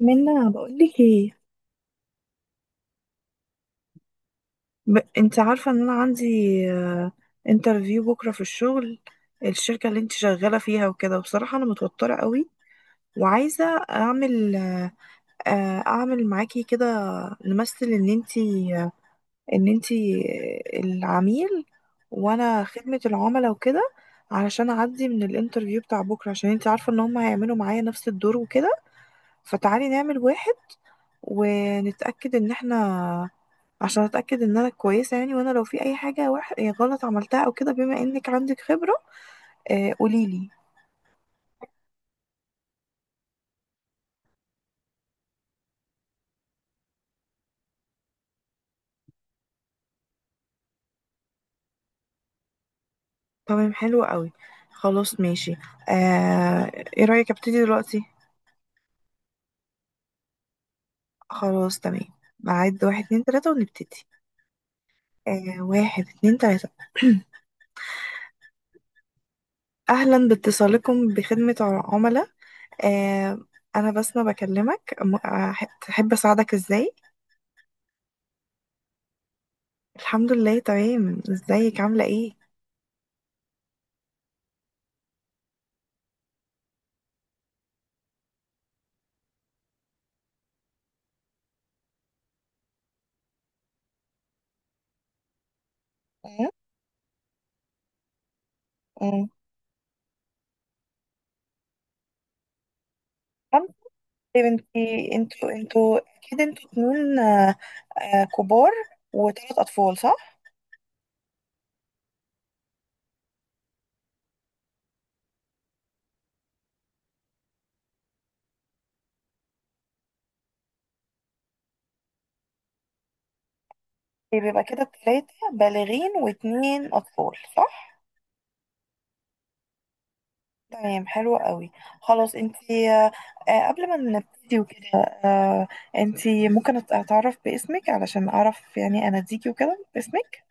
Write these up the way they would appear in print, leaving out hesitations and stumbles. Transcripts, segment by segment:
منا بقولك ايه. انت عارفة ان انا عندي انترفيو بكرة في الشغل، الشركة اللي انت شغالة فيها وكده. وبصراحة انا متوترة قوي، وعايزة اعمل اعمل معاكي كده. نمثل ان انت العميل، وانا خدمة العملاء وكده، علشان اعدي من الانترفيو بتاع بكرة. عشان انت عارفة ان هم هيعملوا معايا نفس الدور وكده. فتعالي نعمل واحد ونتأكد ان احنا، عشان اتأكد ان انا كويسة يعني، وانا لو في اي حاجة وح... إيه، غلط عملتها او كده، بما انك عندك خبرة قوليلي. تمام، حلو قوي. خلاص ماشي. آه ايه رأيك ابتدي دلوقتي؟ خلاص تمام، بعد واحد اتنين تلاتة ونبتدي. واحد اتنين تلاتة. أهلا باتصالكم بخدمة عملاء. آه أنا بسمة بكلمك تحب أساعدك إزاي؟ الحمد لله تمام، إزيك عاملة إيه؟ طب يا بنتي، انتوا اكيد انتوا اتنين كبار وتلات اطفال صح؟ طيب يبقى كده التلاتة بالغين واتنين اطفال صح؟ تمام حلو قوي. خلاص، انتي قبل ما نبتدي وكده، آه، انتي ممكن اتعرف باسمك، علشان اعرف يعني اناديكي وكده باسمك.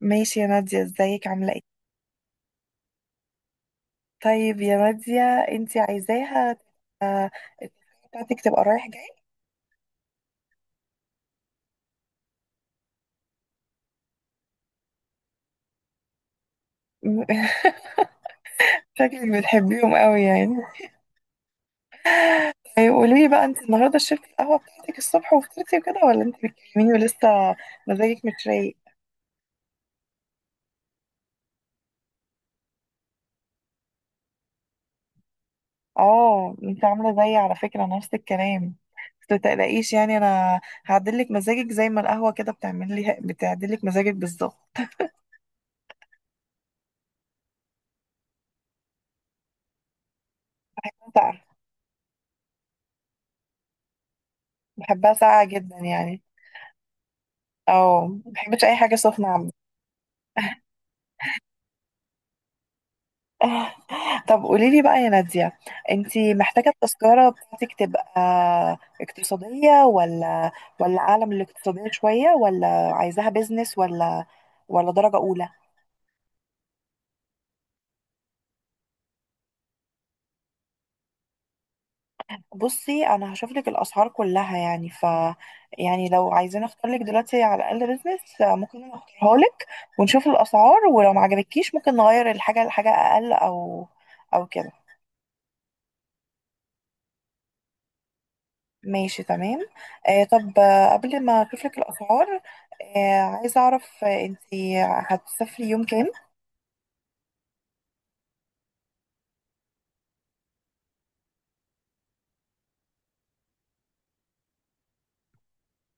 ماشي يا نادية، ازيك عاملة ايه؟ طيب يا نادية، انتي عايزاها آه، التلاتة بتاعتك تبقى رايح جاي؟ شكلك بتحبيهم قوي يعني. طيب قولي لي بقى، انت النهارده شربتي القهوه بتاعتك الصبح وفطرتي وكده، ولا انت بتكلميني ولسه مزاجك مش رايق؟ اه، انت عامله زيي على فكره، نفس الكلام. بس متقلقيش يعني، انا هعدلك مزاجك زي ما القهوه كده بتعمل لي، بتعدلك مزاجك بالظبط. بحبها ساقعه، بحبها ساقعه جدا يعني. اه، ما بحبش اي حاجه سخنه عامه. طب قولي لي بقى يا نادية، انتي محتاجة التذكرة بتاعتك تبقى اقتصادية، ولا أعلى من الاقتصادية شوية، ولا عايزاها بيزنس، ولا درجة أولى؟ بصي، أنا هشوف لك الأسعار كلها يعني. يعني لو عايزين أختار لك دلوقتي على الأقل بيزنس، ممكن أنا أختارها لك ونشوف الأسعار، ولو ما عجبتكيش ممكن نغير الحاجة لحاجة أقل، أو كده. ماشي تمام. طب قبل ما اشوف لك الاسعار، عايزه اعرف، انت هتسافري يوم كام؟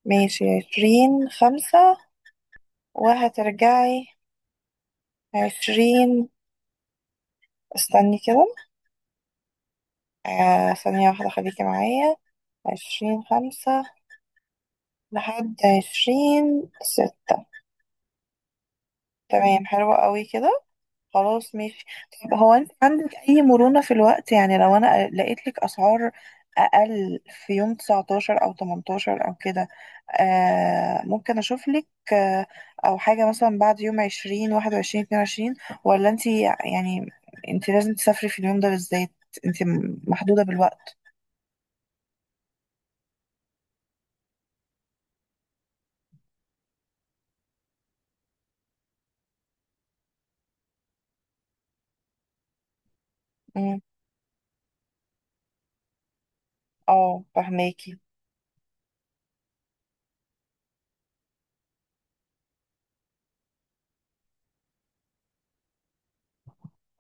ماشي، عشرين خمسة، وهترجعي عشرين. استني كده، ثانية واحدة خليكي معايا. عشرين خمسة لحد عشرين ستة. تمام حلوة قوي كده. خلاص ماشي. طب هو انت عندك اي مرونة في الوقت؟ يعني لو انا لقيت لك اسعار اقل في يوم 19 او 18 او كده، ممكن اشوف لك، آه او حاجة مثلا بعد يوم 20 21 22. ولا انت يعني انت لازم تسافري في اليوم ده بالذات؟ انت محدودة بالوقت. مم. اه، فهماكي.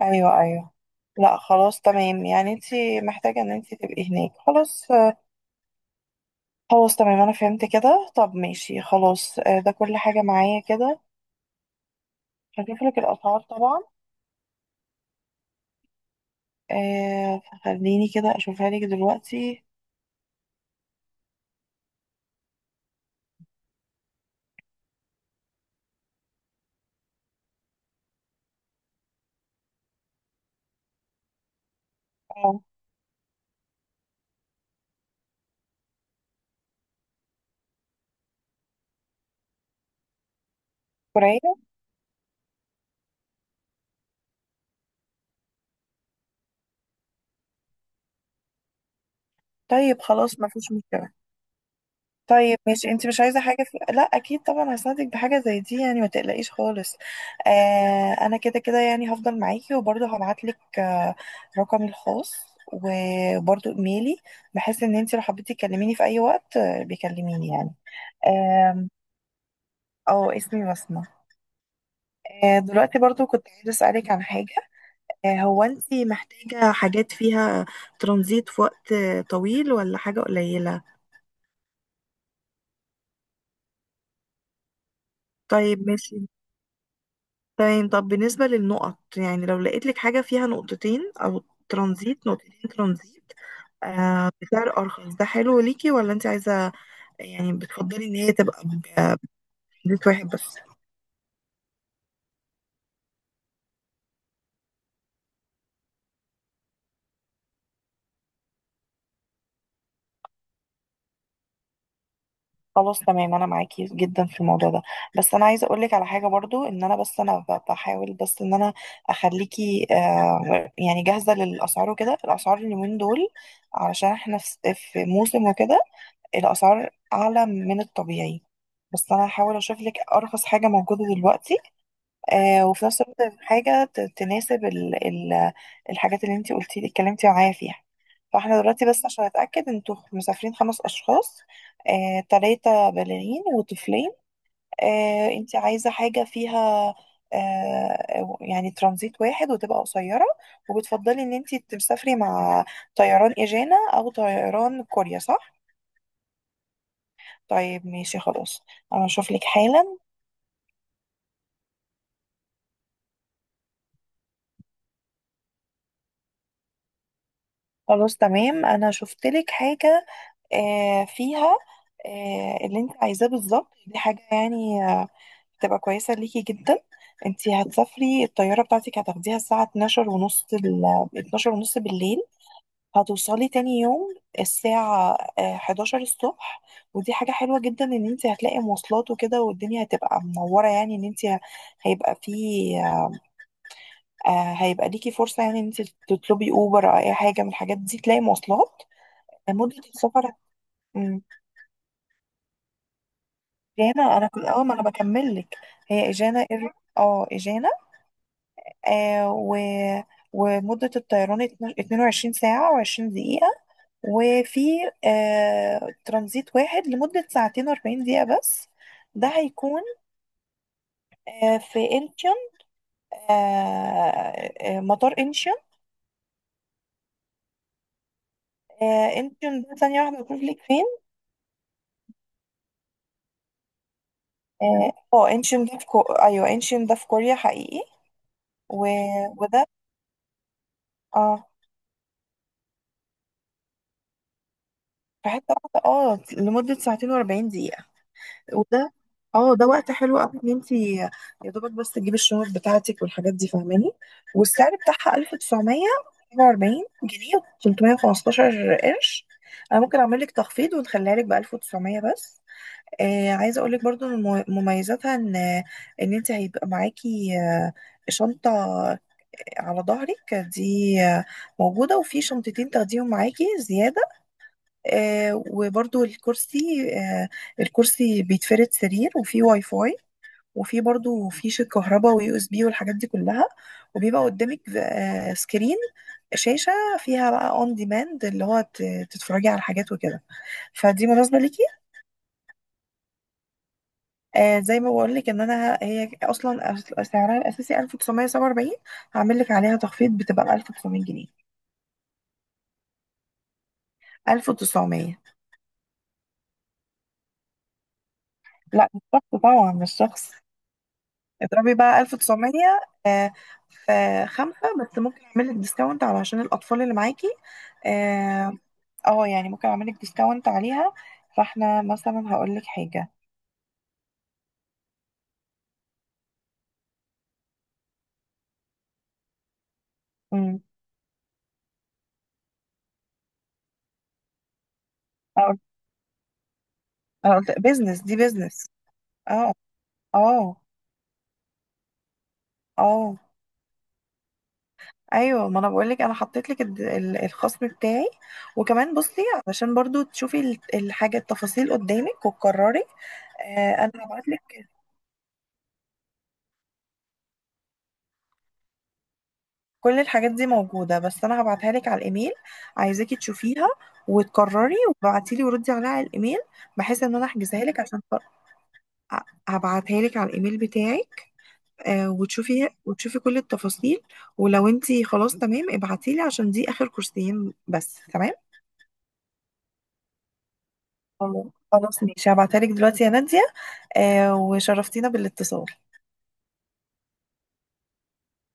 ايوه ايوه، لا خلاص تمام يعني، انت محتاجة ان انت تبقي هناك خلاص. خلاص تمام، انا فهمت كده. طب ماشي خلاص. ده كل حاجة معايا كده. هشوف لك الاسعار طبعا. فخليني كده اشوفها لك دلوقتي. اه، كورية. طيب خلاص، ما فيش مشكلة. طيب ماشي، انت مش عايزة حاجة لا، اكيد طبعا هساعدك بحاجة زي دي يعني، ما تقلقيش خالص. انا كده كده يعني هفضل معاكي، وبرضه هبعت لك رقمي الخاص وبرضه ايميلي، بحيث ان انت لو حبيتي تكلميني في اي وقت بيكلميني يعني. آم، اه، اسمي بسمة. دلوقتي برضو كنت عايزة أسألك عن حاجة. هو أنتي محتاجة حاجات فيها ترانزيت في وقت طويل، ولا حاجة قليلة؟ طيب ماشي تمام. طب بالنسبة للنقط، يعني لو لقيت لك حاجة فيها نقطتين أو ترانزيت، نقطتين ترانزيت بسعر أرخص، ده حلو ليكي؟ ولا أنتي عايزة، يعني بتفضلي إن هي تبقى بترانزيت واحد بس؟ خلاص تمام، انا معاكي جدا في الموضوع ده. بس انا عايزه اقولك على حاجه برضو، ان انا بس انا بحاول بس ان انا اخليكي يعني جاهزه للاسعار وكده. الاسعار اليومين دول، علشان احنا في موسم وكده، الاسعار اعلى من الطبيعي. بس انا هحاول اشوف لك ارخص حاجه موجوده دلوقتي. وفي نفس الوقت حاجة تناسب ال ال الحاجات اللي انتي قلتي اتكلمتي معايا فيها. فاحنا دلوقتي، بس عشان اتأكد، انتوا مسافرين خمس اشخاص، تلاتة بالغين وطفلين. انتي عايزة حاجة فيها يعني ترانزيت واحد وتبقى قصيرة، وبتفضلي ان انتي تسافري مع طيران ايجانا او طيران كوريا صح؟ طيب ماشي خلاص، انا اشوف لك حالا. خلاص تمام، انا شفت لك حاجة فيها اللي انت عايزاه بالظبط. دي حاجة يعني تبقى كويسة ليكي جدا. انت هتسافري، الطيارة بتاعتك هتاخديها الساعة 12 ونص، 12 ونص بالليل. هتوصلي تاني يوم الساعة 11 الصبح. ودي حاجة حلوة جدا، ان انت هتلاقي مواصلات وكده، والدنيا هتبقى منورة. يعني ان انت هيبقى في آه، هيبقى ليكي فرصة، يعني ان انت تطلبي اوبر او اي حاجة من الحاجات دي، تلاقي مواصلات. مدة السفر، جانا. انا كنت اول ما انا بكمل لك، هي اجانا اه اجانا آه و ومدة الطيران 22 ساعة و20 دقيقة، وفي ترانزيت واحد لمدة ساعتين و40 دقيقة بس. ده هيكون في انشون، مطار انشون. انشون ده، ثانية واحدة بقول لك فين. انشون ده في ايوه، انشون ده في كوريا حقيقي. و... وده، اه، في حتة واحدة، اه، لمدة ساعتين و40 دقيقة. وده اه ده وقت حلو قوي ان انت يا دوبك بس تجيبي الشنط بتاعتك والحاجات دي فاهماني. والسعر بتاعها 1947 جنيه و315 قرش. انا ممكن اعمل لك تخفيض ونخليها لك ب 1900 بس. عايزه اقول لك برضو ان مميزاتها ان، ان انت هيبقى معاكي شنطه على ظهرك دي موجوده، وفي شنطتين تاخديهم معاكي زياده. وبرضو آه الكرسي بيتفرد سرير، وفيه واي فاي، وفي برضو فيش الكهرباء ويو اس بي والحاجات دي كلها. وبيبقى قدامك سكرين، شاشة، فيها بقى اون ديماند، اللي هو تتفرجي على حاجات وكده. فدي مناسبة ليكي. زي ما بقول لك ان انا، هي اصلا سعرها الاساسي 1947. هعمل لك عليها تخفيض بتبقى 1900 جنيه. 1900؟ لا، مش شخص طبعا، مش شخص. اضربي بقى 1900 آه في خمسة بس. ممكن اعمل لك ديسكاونت علشان الاطفال اللي معاكي، آه، اه يعني ممكن اعملك ديسكاونت عليها. فاحنا مثلا هقول لك حاجه. امم هقول هقول بيزنس، دي بيزنس. اه، اه، اه، ايوه، ما انا بقول لك، انا حطيت لك الخصم بتاعي. وكمان بصي، علشان برضو تشوفي الحاجه، التفاصيل قدامك وتقرري. انا هبعت لك كل الحاجات دي موجوده، بس انا هبعتها لك على الايميل. عايزاكي تشوفيها وتقرري وابعتي لي وردي عليها على الايميل، بحيث ان انا احجزها لك. عشان ه- هبعتها لك على الايميل بتاعي، وتشوفي، كل التفاصيل. ولو انتي خلاص تمام، ابعتيلي، عشان دي اخر كورسين بس، تمام. خلاص، خلاص ماشي، هبعتهالك دلوقتي يا نادية. وشرفتينا بالاتصال.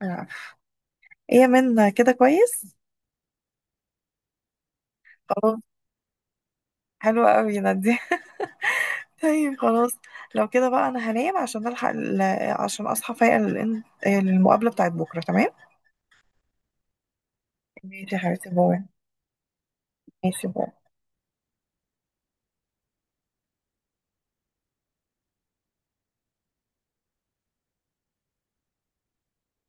آه. ايه يا من، كده كويس؟ خلاص، حلو قوي يا نادية. طيب خلاص، لو كده بقى انا هنام، عشان اصحى فايقة للمقابلة بتاعت بكرة، تمام. ماشي يا حبيبتي، باي. ماشي، باي.